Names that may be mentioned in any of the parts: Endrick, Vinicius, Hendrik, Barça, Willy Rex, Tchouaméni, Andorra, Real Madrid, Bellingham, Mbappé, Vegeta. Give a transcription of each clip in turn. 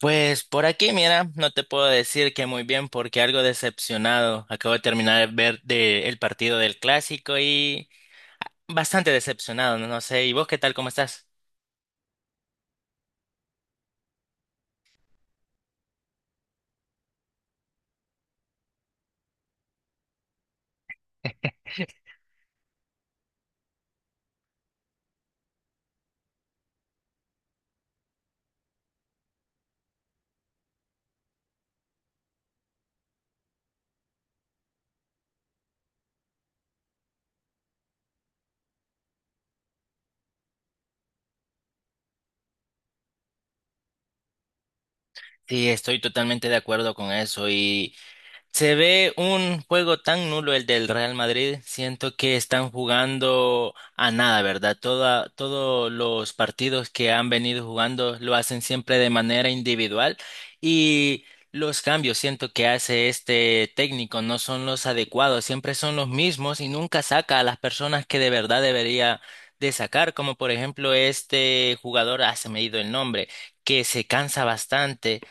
Pues por aquí, mira, no te puedo decir que muy bien porque algo decepcionado. Acabo de terminar de ver el partido del clásico y bastante decepcionado, no sé. ¿Y vos qué tal? ¿Cómo estás? Sí, estoy totalmente de acuerdo con eso. Y Se ve un juego tan nulo el del Real Madrid. Siento que están jugando a nada, ¿verdad? Todos los partidos que han venido jugando lo hacen siempre de manera individual, y los cambios siento que hace este técnico no son los adecuados, siempre son los mismos y nunca saca a las personas que de verdad debería de sacar, como por ejemplo este jugador, ah, se me ha ido el nombre, que se cansa bastante.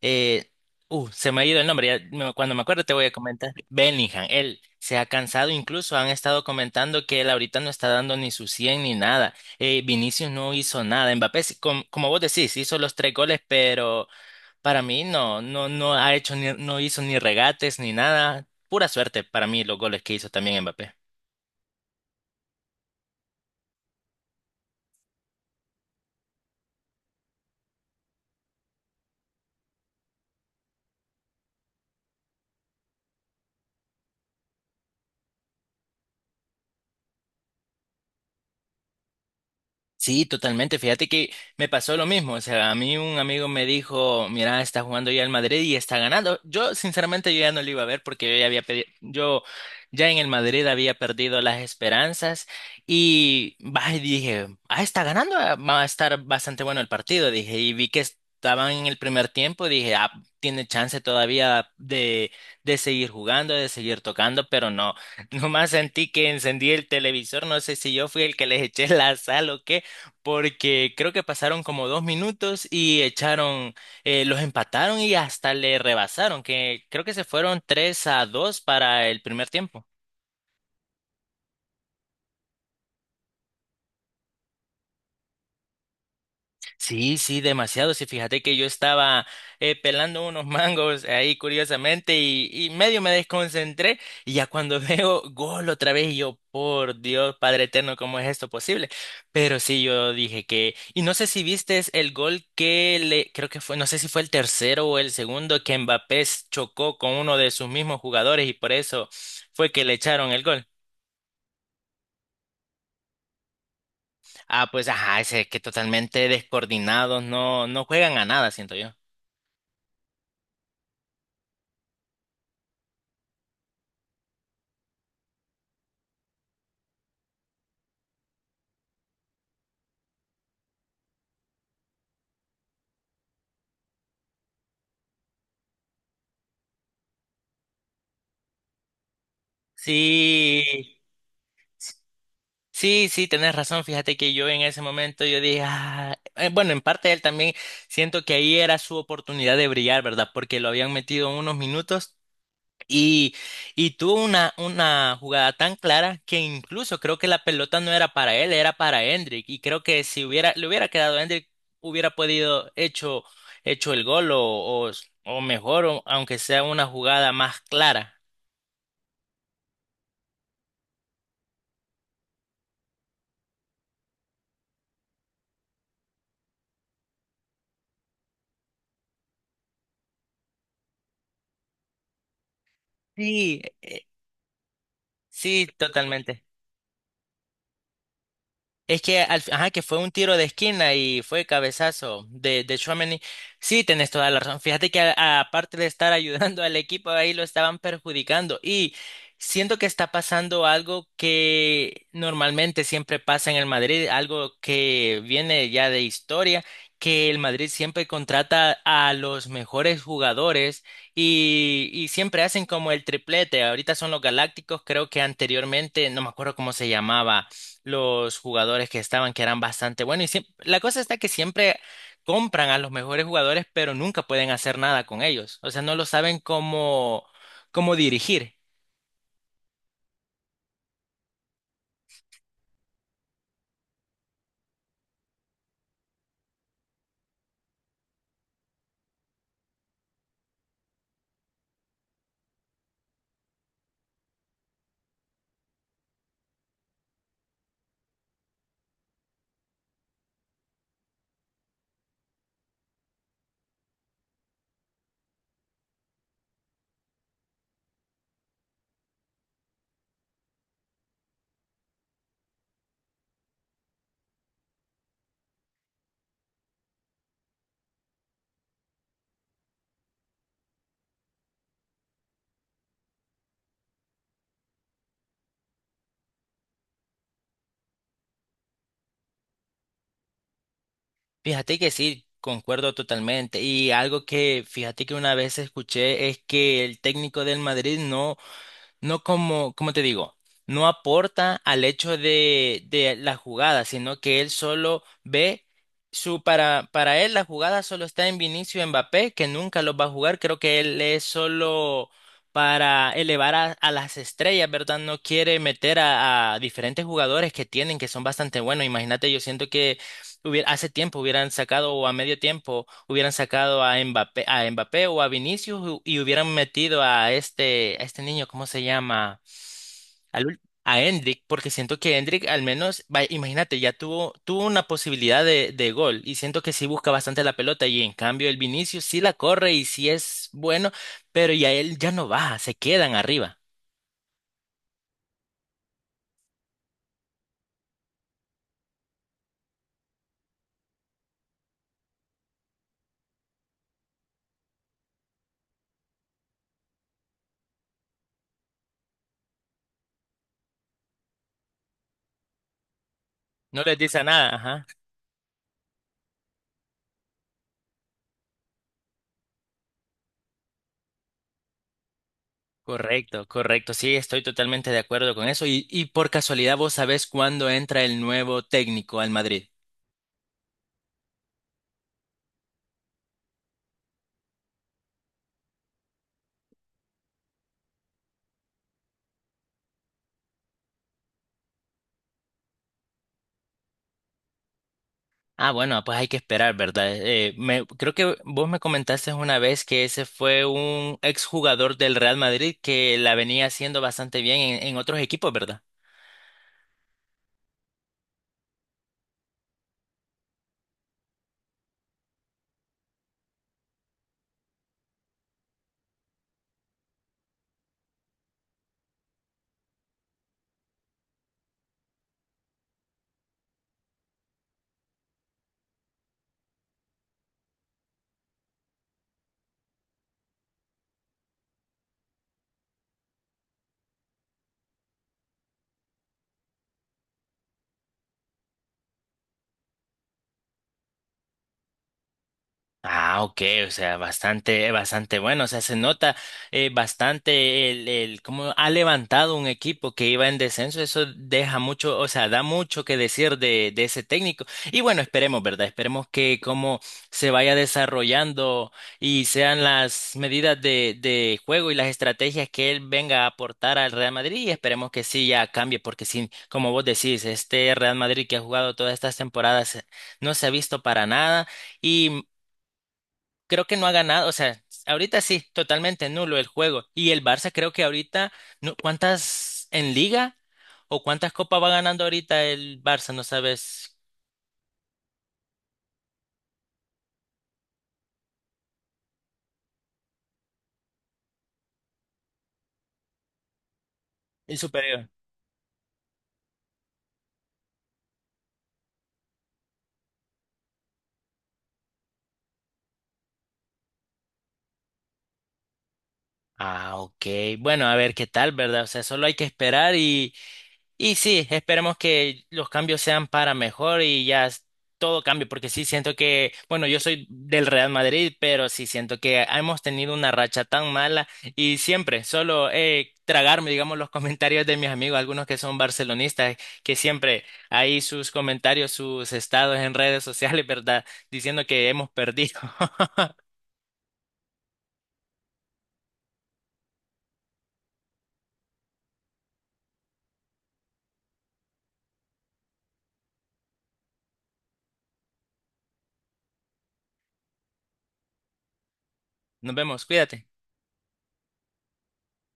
eh, Se me ha ido el nombre, ya cuando me acuerdo te voy a comentar. Bellingham, él se ha cansado, incluso han estado comentando que él ahorita no está dando ni su 100 ni nada. Vinicius no hizo nada. Mbappé, sí, como vos decís, hizo los tres goles, pero para mí no ha hecho ni, no hizo ni regates ni nada. Pura suerte para mí los goles que hizo también Mbappé. Sí, totalmente. Fíjate que me pasó lo mismo. O sea, a mí un amigo me dijo, mira, está jugando ya el Madrid y está ganando. Yo, sinceramente, yo ya no lo iba a ver porque yo ya había yo ya en el Madrid había perdido las esperanzas y bah, y dije, ah, está ganando, ah, va a estar bastante bueno el partido. Dije, y vi que estaban en el primer tiempo, dije, ah, tiene chance todavía de seguir jugando, de seguir tocando, pero no. Nomás sentí que encendí el televisor, no sé si yo fui el que les eché la sal o qué, porque creo que pasaron como dos minutos y echaron, los empataron y hasta le rebasaron, que creo que se fueron 3 a 2 para el primer tiempo. Sí, sí, demasiado. Sí, fíjate que yo estaba pelando unos mangos ahí curiosamente y medio me desconcentré, y ya cuando veo gol otra vez y yo, por Dios, Padre Eterno, ¿cómo es esto posible? Pero sí, yo dije que, y no sé si viste el gol que le, creo que fue, no sé si fue el tercero o el segundo, que Mbappé chocó con uno de sus mismos jugadores y por eso fue que le echaron el gol. Ah, pues ajá, ese que totalmente descoordinados, no, no juegan a nada, siento yo. Sí, sí, sí, tenés razón. Fíjate que yo en ese momento yo dije, "Ah", bueno, en parte él también siento que ahí era su oportunidad de brillar, ¿verdad? Porque lo habían metido unos minutos y, y tuvo una jugada tan clara que incluso creo que la pelota no era para él, era para Hendrik. Y creo que si hubiera, le hubiera quedado a Hendrik, hubiera podido hecho el gol o, o mejor, aunque sea una jugada más clara. Sí, sí, totalmente. Es que, al ajá, que fue un tiro de esquina y fue cabezazo de Tchouaméni. Sí, tenés toda la razón. Fíjate que aparte de estar ayudando al equipo, ahí lo estaban perjudicando. Y siento que está pasando algo que normalmente siempre pasa en el Madrid, algo que viene ya de historia, que el Madrid siempre contrata a los mejores jugadores, y siempre hacen como el triplete. Ahorita son los Galácticos, creo que anteriormente no me acuerdo cómo se llamaba los jugadores que estaban, que eran bastante buenos. Y la cosa está que siempre compran a los mejores jugadores, pero nunca pueden hacer nada con ellos. O sea, no lo saben cómo dirigir. Fíjate que sí, concuerdo totalmente. Y algo que fíjate que una vez escuché es que el técnico del Madrid no. No como, como te digo, no aporta al hecho de la jugada, sino que él solo ve su, para él la jugada solo está en Vinicius y Mbappé, que nunca los va a jugar. Creo que él es solo para elevar a las estrellas, ¿verdad? No quiere meter a diferentes jugadores que tienen, que son bastante buenos. Imagínate, yo siento que hubiera, hace tiempo hubieran sacado o a medio tiempo hubieran sacado a Mbappé o a Vinicius, y hubieran metido a este niño, ¿cómo se llama? A Endrick, porque siento que Endrick al menos, imagínate, ya tuvo, tuvo una posibilidad de gol, y siento que sí busca bastante la pelota, y en cambio el Vinicius sí la corre y sí es bueno, pero ya él ya no baja, se quedan arriba. No les dice nada, ajá. Correcto, correcto. Sí, estoy totalmente de acuerdo con eso. Y por casualidad, ¿vos sabés cuándo entra el nuevo técnico al Madrid? Ah, bueno, pues hay que esperar, ¿verdad? Creo que vos me comentaste una vez que ese fue un exjugador del Real Madrid que la venía haciendo bastante bien en otros equipos, ¿verdad? Ah, ok, o sea, bastante, bastante bueno, o sea, se nota bastante el cómo ha levantado un equipo que iba en descenso, eso deja mucho, o sea, da mucho que decir de ese técnico. Y bueno, esperemos, ¿verdad? Esperemos que cómo se vaya desarrollando, y sean las medidas de juego y las estrategias que él venga a aportar al Real Madrid, y esperemos que sí ya cambie, porque sí, como vos decís, este Real Madrid que ha jugado todas estas temporadas no se ha visto para nada. Y creo que no ha ganado, o sea, ahorita sí, totalmente nulo el juego. Y el Barça creo que ahorita, ¿cuántas en liga o cuántas copas va ganando ahorita el Barça? No sabes. El superior. Ah, ok. Bueno, a ver qué tal, ¿verdad? O sea, solo hay que esperar. Y sí, esperemos que los cambios sean para mejor y ya todo cambie, porque sí siento que, bueno, yo soy del Real Madrid, pero sí siento que hemos tenido una racha tan mala, y siempre solo tragarme, digamos, los comentarios de mis amigos, algunos que son barcelonistas, que siempre hay sus comentarios, sus estados en redes sociales, ¿verdad? Diciendo que hemos perdido. Nos vemos, cuídate.